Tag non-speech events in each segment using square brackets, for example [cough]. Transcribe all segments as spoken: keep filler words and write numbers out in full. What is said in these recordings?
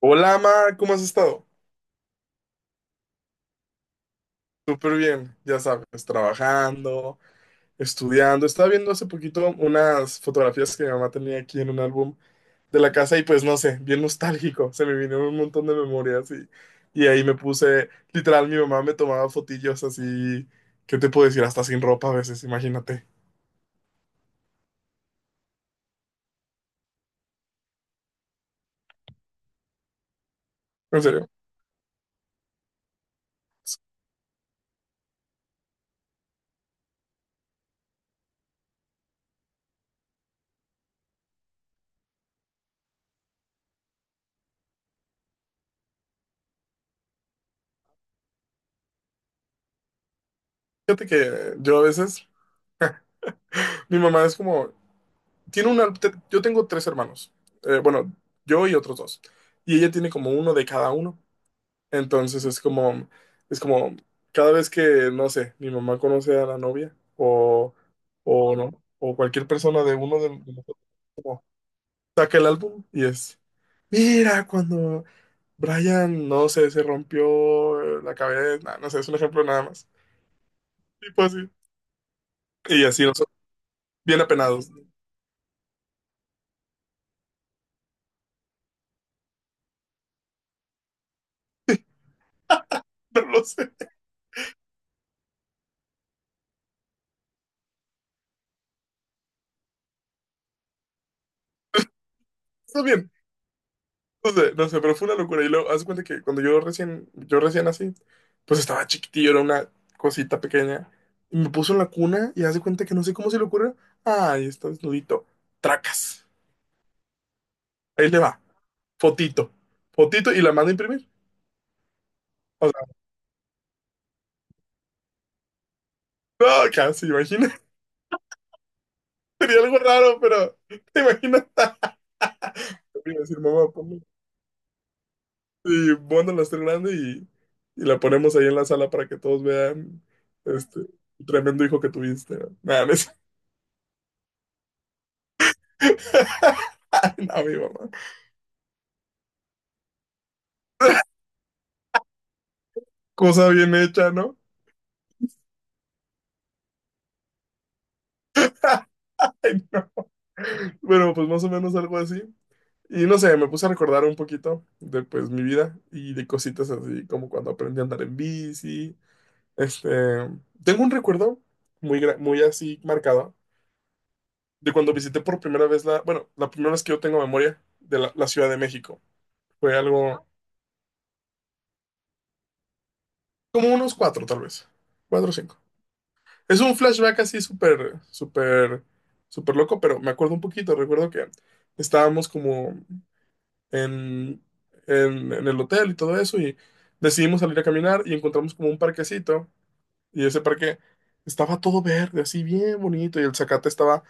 Hola, Mar, ¿cómo has estado? Súper bien, ya sabes, trabajando, estudiando. Estaba viendo hace poquito unas fotografías que mi mamá tenía aquí en un álbum de la casa y pues no sé, bien nostálgico. Se me vinieron un montón de memorias y, y ahí me puse, literal, mi mamá me tomaba fotillos así, ¿qué te puedo decir? Hasta sin ropa a veces, imagínate. ¿En serio? Fíjate que yo a veces, mi mamá es como, tiene una, te- yo tengo tres hermanos. Eh, bueno, yo y otros dos, y ella tiene como uno de cada uno. Entonces es como, es como, cada vez que, no sé, mi mamá conoce a la novia o, o no, o cualquier persona de uno de, de nosotros, como, saca el álbum y es, mira, cuando Brian, no sé, se rompió eh, la cabeza, nah, no sé, es un ejemplo nada más. Tipo así. Y así nosotros, bien apenados. [laughs] No lo sé, está bien. No sé, no sé, pero fue una locura. Y luego, haz de cuenta que cuando yo recién, yo recién así, pues estaba chiquitillo, era una cosita pequeña. Y me puso en la cuna y haz de cuenta que no sé cómo se le ocurre. Ay, está desnudito. Tracas. Ahí le va. Fotito. Fotito y la manda a imprimir. O sea, no, casi, imagina. [laughs] Sería algo raro, pero te imaginas. [laughs] Iba a decir, mamá, ponme. Y bueno, la estoy grande y, y la ponemos ahí en la sala para que todos vean este el tremendo hijo que tuviste, ¿no? Nada, me- [laughs] no, mi mamá. Cosa bien hecha, ¿no? Ay, no. Bueno, pues más o menos algo así. Y no sé, me puse a recordar un poquito de pues mi vida y de cositas así como cuando aprendí a andar en bici. Este, tengo un recuerdo muy, gra- muy así marcado de cuando visité por primera vez la, bueno, la primera vez que yo tengo memoria de la, la Ciudad de México. Fue algo como unos cuatro tal vez, cuatro o cinco. Es un flashback así súper, súper, súper loco, pero me acuerdo un poquito. Recuerdo que estábamos como en, en, en el hotel y todo eso y decidimos salir a caminar y encontramos como un parquecito y ese parque estaba todo verde, así bien bonito y el zacate estaba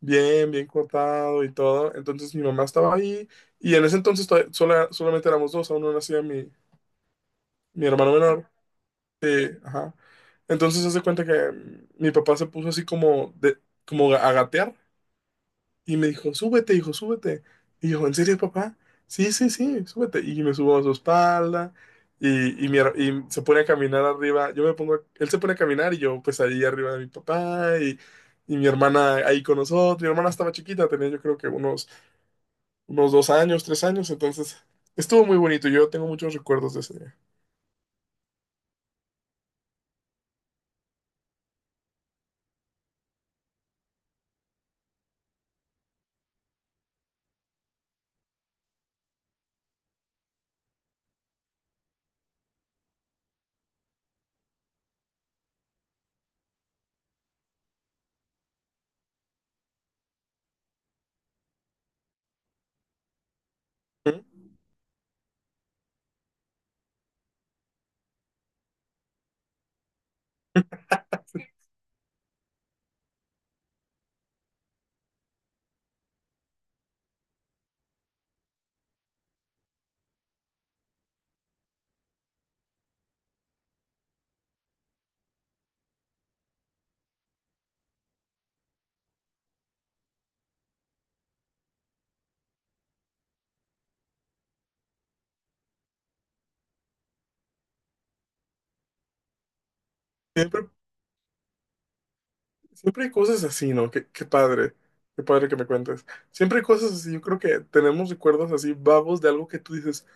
bien, bien cortado y todo. Entonces mi mamá estaba ahí y en ese entonces todavía- sola- solamente éramos dos, aún no nacía mi, mi hermano menor. Sí, ajá. Entonces se hace cuenta que mm, mi papá se puso así como de, como a gatear y me dijo, súbete, hijo, súbete. Y yo, ¿en serio, papá? Sí, sí, sí, súbete. Y me subo a su espalda y, y, mi her- y se pone a caminar arriba. Yo me pongo, a- él se pone a caminar y yo pues ahí arriba de mi papá y, y mi hermana ahí con nosotros. Mi hermana estaba chiquita, tenía yo creo que unos, unos dos años, tres años. Entonces estuvo muy bonito. Yo tengo muchos recuerdos de ese día. ¿Mm? Siempre, siempre hay cosas así, ¿no? Qué, qué padre, qué padre que me cuentes. Siempre hay cosas así, yo creo que tenemos recuerdos así vagos de algo que tú dices,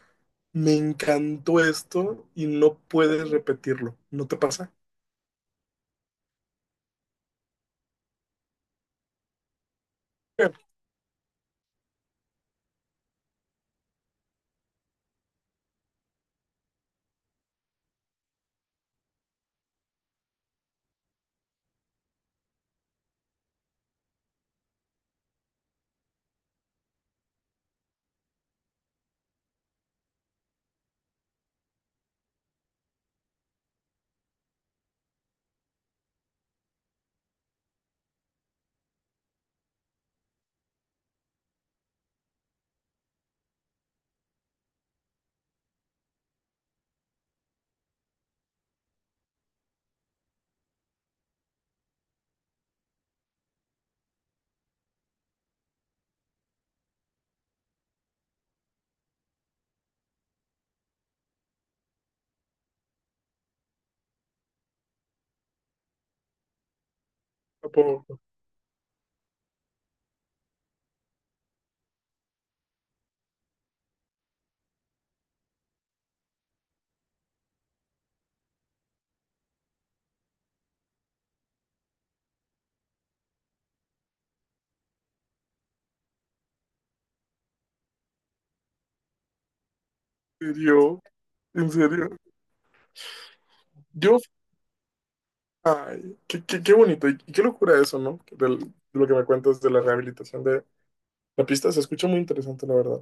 me encantó esto y no puedes repetirlo, ¿no te pasa? Tampoco, ¿en serio? ¿En serio? Yo, ay, qué, qué, qué bonito y qué locura eso, ¿no? Del- De lo que me cuentas de la rehabilitación de la pista, se escucha muy interesante, la verdad.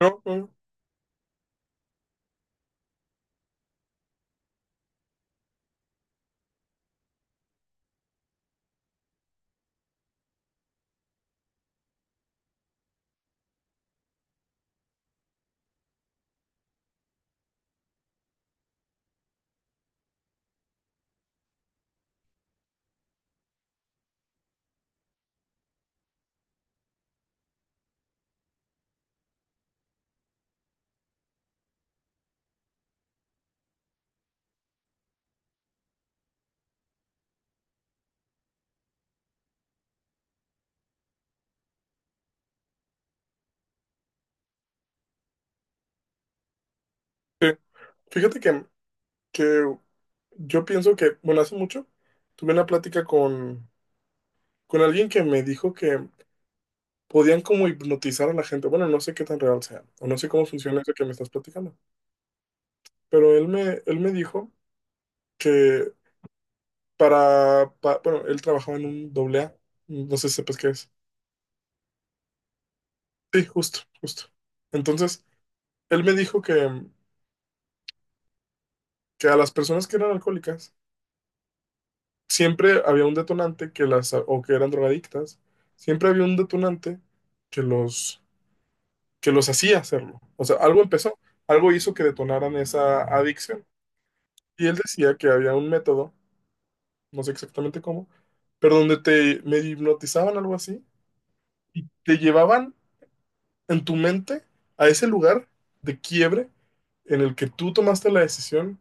No, no, sí. Fíjate que, que yo pienso que, bueno, hace mucho tuve una plática con con alguien que me dijo que podían como hipnotizar a la gente. Bueno, no sé qué tan real sea, o no sé cómo funciona eso que me estás platicando, pero él me, él me dijo que para, pa- bueno, él trabajaba en un doble A, no sé si sepas qué es. Sí, justo, justo. Entonces, él me dijo que, que a las personas que eran alcohólicas siempre había un detonante que las, o que eran drogadictas, siempre había un detonante que los, que los hacía hacerlo. O sea, algo empezó, algo hizo que detonaran esa adicción. Y él decía que había un método, no sé exactamente cómo, pero donde te me hipnotizaban algo así y te llevaban en tu mente a ese lugar de quiebre en el que tú tomaste la decisión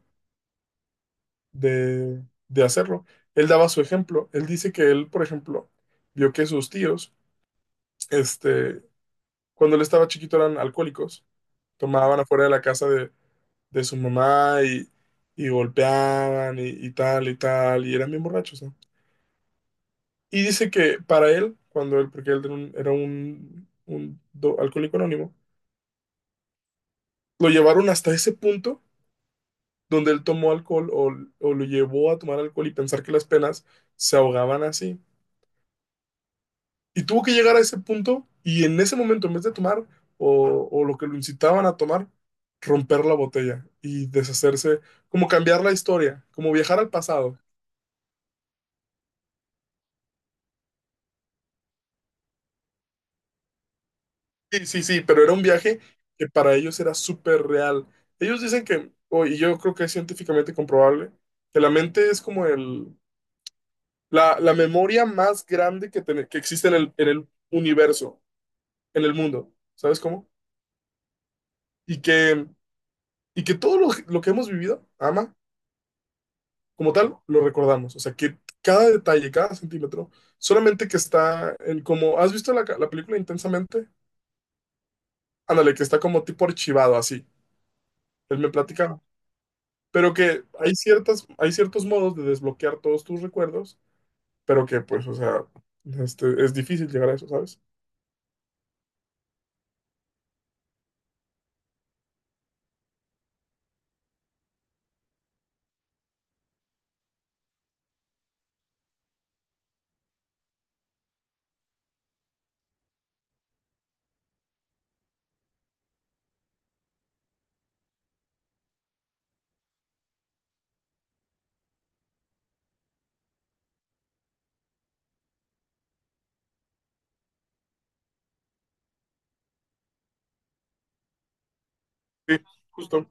de, de hacerlo. Él daba su ejemplo. Él dice que él, por ejemplo, vio que sus tíos, este, cuando él estaba chiquito eran alcohólicos, tomaban afuera de la casa de, de su mamá y, y golpeaban y, y tal y tal, y eran bien borrachos, ¿no? Y dice que para él, cuando él, porque él era un, era un- un do- alcohólico anónimo, lo llevaron hasta ese punto donde él tomó alcohol o, o lo llevó a tomar alcohol y pensar que las penas se ahogaban así. Y tuvo que llegar a ese punto y en ese momento, en vez de tomar o, o lo que lo incitaban a tomar, romper la botella y deshacerse, como cambiar la historia, como viajar al pasado. Sí, sí, sí, pero era un viaje que para ellos era súper real. Ellos dicen que, o- y yo creo que es científicamente comprobable, que la mente es como el, la, la memoria más grande que, ten- que existe en el, en el universo, en el mundo, ¿sabes cómo? Y que, y que todo lo, lo que hemos vivido, ama, como tal, lo recordamos. O sea, que cada detalle, cada centímetro, solamente que está en como, ¿has visto la, ca- la película Intensamente? Ándale, que está como tipo archivado así. Él me platica. Pero que hay ciertas, hay ciertos modos de desbloquear todos tus recuerdos, pero que pues, o sea, este, es difícil llegar a eso, ¿sabes? Sí, justo.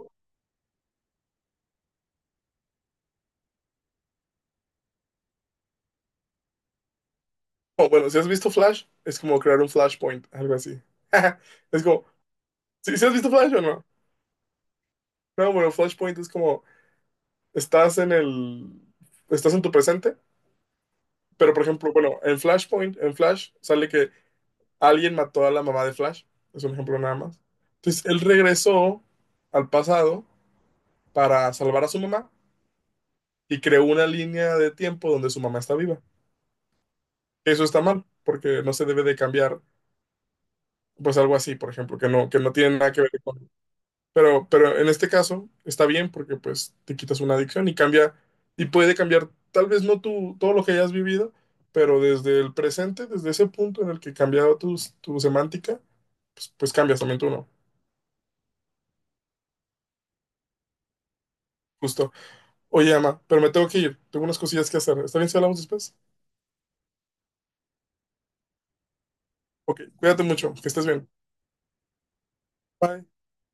O bueno, si has visto Flash, es como crear un flashpoint, algo así. [laughs] Es como, ¿si has visto Flash o no? No, bueno, flashpoint es como, estás en el, estás en tu presente, pero por ejemplo, bueno, en Flashpoint, en Flash, sale que alguien mató a la mamá de Flash, es un ejemplo nada más. Entonces, él regresó al pasado para salvar a su mamá, y creó una línea de tiempo donde su mamá está viva. Eso está mal, porque no se debe de cambiar, pues algo así, por ejemplo, que no, que no tiene nada que ver con... Pero, pero en este caso está bien porque pues te quitas una adicción y cambia, y puede cambiar tal vez no tú todo lo que hayas vivido, pero desde el presente, desde ese punto en el que cambiado tu, tu semántica, pues, pues cambias también tú, ¿no? Justo. Oye, Ama, pero me tengo que ir. Tengo unas cosillas que hacer. ¿Está bien si hablamos después? Ok, cuídate mucho, que estés bien. Bye.